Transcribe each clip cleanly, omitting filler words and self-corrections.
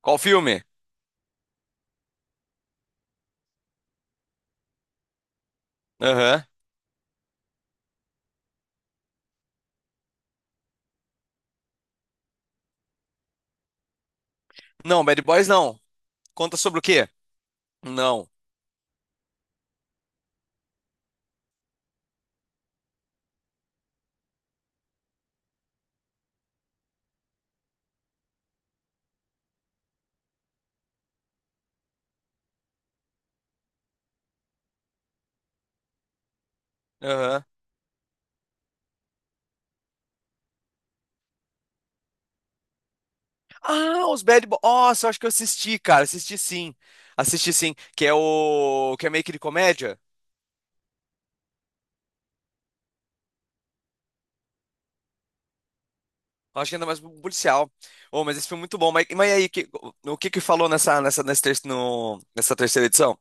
Qual filme? Aham. Não, Bad Boys não. Conta sobre o quê? Não. Aham. Ah, os Bad Boys. Nossa, eu acho que eu assisti, cara. Assisti, sim. Assisti, sim. Que é o... Que é meio que de comédia. Eu acho que ainda mais policial. Oh, mas esse filme é muito bom. Mas e aí, o que que falou nessa, nesse ter- no- nessa terceira edição?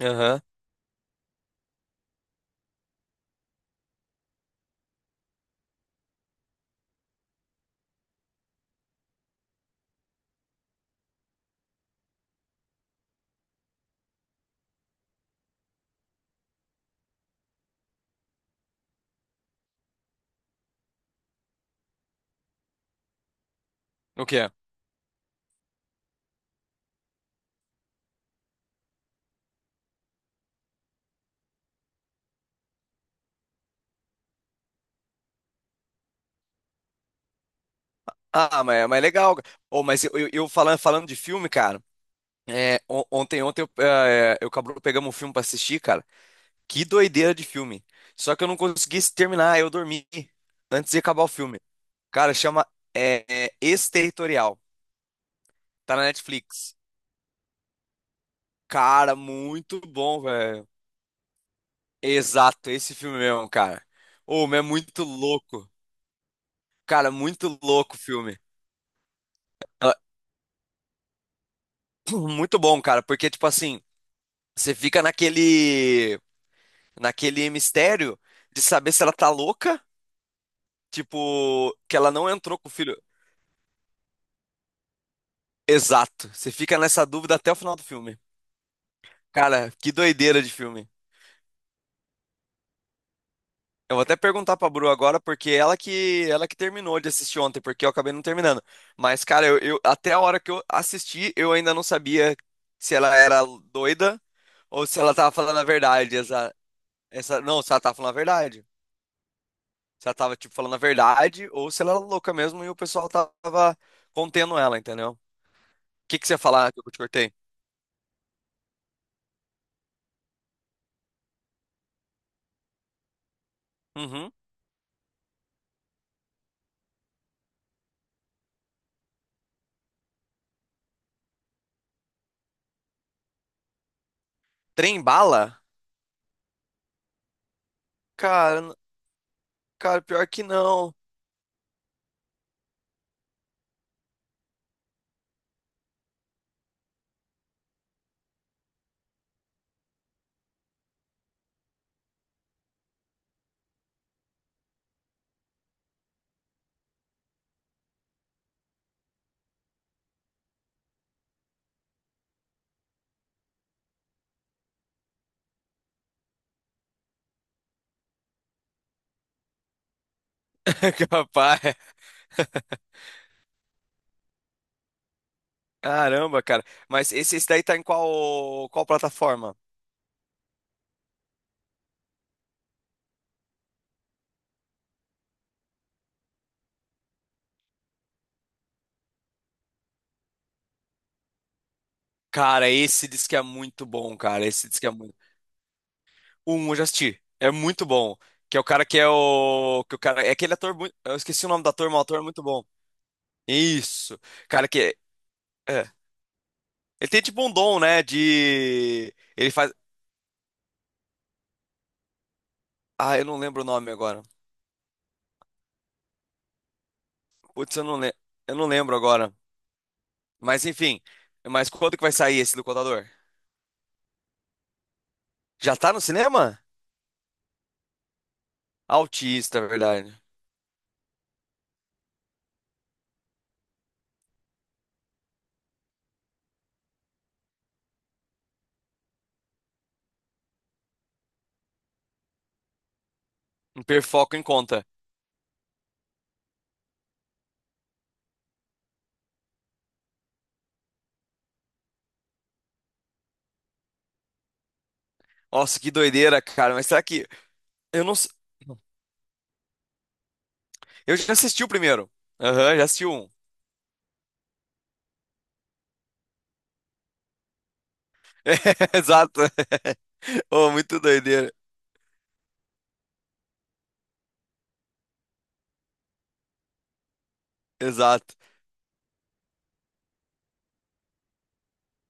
Aham. O quê? Ah, mas é legal. Oh, mas eu falando de filme, cara. Ontem eu e o Cabrudo pegamos um filme pra assistir, cara. Que doideira de filme. Só que eu não consegui terminar, eu dormi antes de acabar o filme. Cara, chama Exterritorial. Tá na Netflix. Cara, muito bom, velho. Exato, esse filme mesmo, cara. Ô, mas é muito louco. Cara, muito louco o filme. Ah, muito bom, cara, porque, tipo assim, você fica naquele, naquele mistério de saber se ela tá louca, tipo, que ela não entrou com o filho. Exato. Você fica nessa dúvida até o final do filme. Cara, que doideira de filme. Eu vou até perguntar pra Bru agora, porque ela que terminou de assistir ontem, porque eu acabei não terminando. Mas, cara, até a hora que eu assisti, eu ainda não sabia se ela era doida ou se ela tava falando a verdade. Não, se ela tava falando a verdade. Se ela tava, tipo, falando a verdade ou se ela era louca mesmo e o pessoal tava contendo ela, entendeu? O que que você ia falar que eu te cortei? Uhum. Trem bala? Cara, pior que não. Capaz. Caramba, cara. Mas esse daí tá em qual, qual plataforma? Cara, esse diz que é muito bom, cara. Esse diz que é muito. O Um, eu já assisti. É muito bom. Que é o cara que é o. Que o cara. É aquele ator. Muito. Eu esqueci o nome do ator, mas o ator é muito bom. Isso. Cara, que. É. Ele tem tipo um dom, né? De. Ele faz. Ah, eu não lembro o nome agora. Putz, eu não lembro agora. Mas enfim. Mas quando que vai sair esse do Contador? Já tá no cinema? Autista, é verdade. Um hiperfoco em conta. Nossa, que doideira, cara. Mas será que. Eu não. Eu já assisti o primeiro. Aham, já assisti um. Exato. Oh, muito doideira. Exato.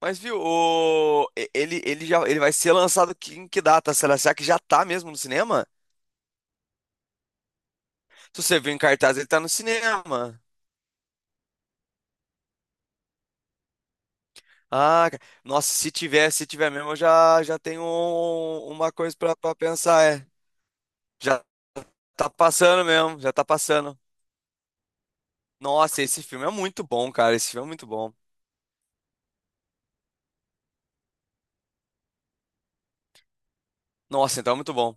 Mas viu, o... e- ele já ele vai ser lançado em que data? Será, será que já tá mesmo no cinema? Se você viu em cartaz, ele tá no cinema. Ah, nossa, se tiver mesmo, já tenho uma coisa pra, pra pensar. É. Já tá passando mesmo, já tá passando. Nossa, esse filme é muito bom, cara. Esse filme é muito bom. Nossa, então é muito bom.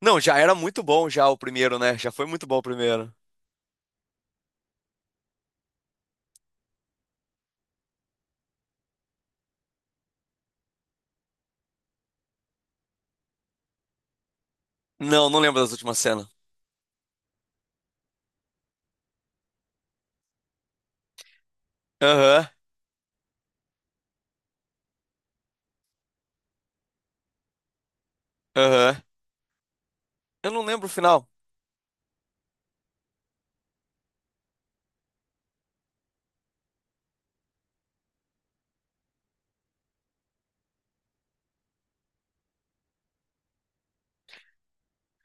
Não, já era muito bom já o primeiro, né? Já foi muito bom o primeiro. Não, não lembro das últimas cenas. Aham, aham. Eu não lembro o final.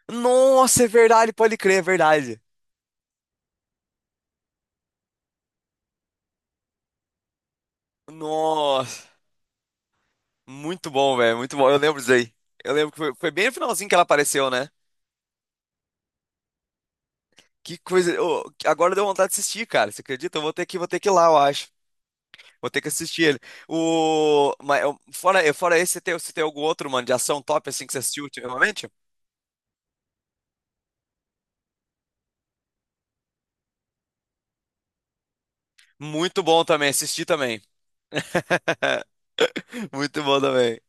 Nossa, é verdade, pode crer, é verdade. Nossa, muito bom, velho, muito bom. Eu lembro disso aí. Eu lembro que foi, foi bem no finalzinho que ela apareceu, né? Que coisa. Ô, agora deu vontade de assistir, cara. Você acredita? Eu vou ter que ir lá, eu acho. Vou ter que assistir ele. O, mas, fora esse, você tem algum outro, mano, de ação top assim que você assistiu ultimamente? Muito bom também, assisti também. Muito bom também.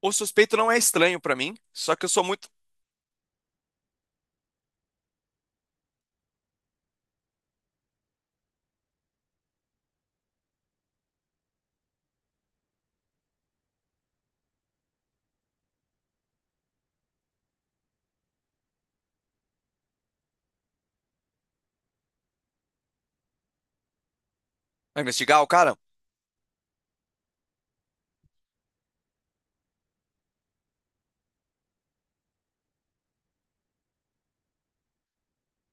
O suspeito não é estranho pra mim, só que eu sou muito. Vai investigar o cara?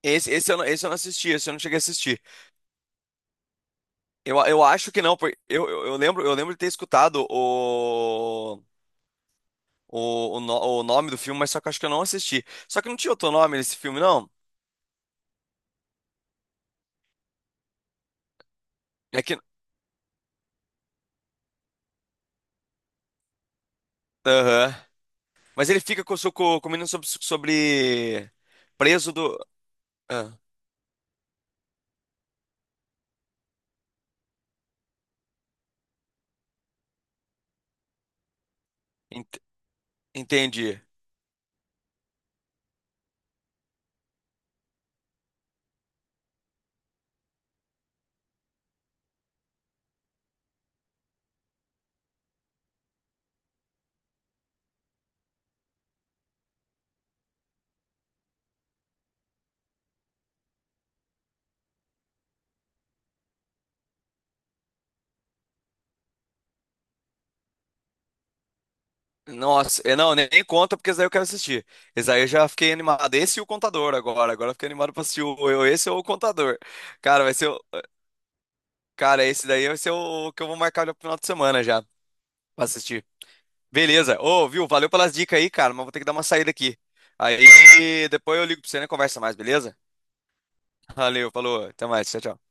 Eu não, esse eu não assisti, esse eu não cheguei a assistir. Eu acho que não, porque eu lembro de ter escutado o, o nome do filme, mas só que eu acho que eu não assisti. Só que não tinha outro nome nesse filme, não? É que. Aham. Mas ele fica com, com o menino sobre, sobre. Preso do. Ah, ent- entendi. Nossa, eu não, nem nem conta, porque esse daí eu quero assistir. Esse daí eu já fiquei animado. Esse e o Contador agora. Agora eu fiquei animado pra assistir esse ou o Contador. Cara, vai ser o. Cara, esse daí vai ser o que eu vou marcar no final de semana já pra assistir. Beleza. Ô, viu? Valeu pelas dicas aí, cara, mas vou ter que dar uma saída aqui. Aí depois eu ligo pra você e né, conversa mais, beleza? Valeu, falou. Até mais. Tchau, tchau.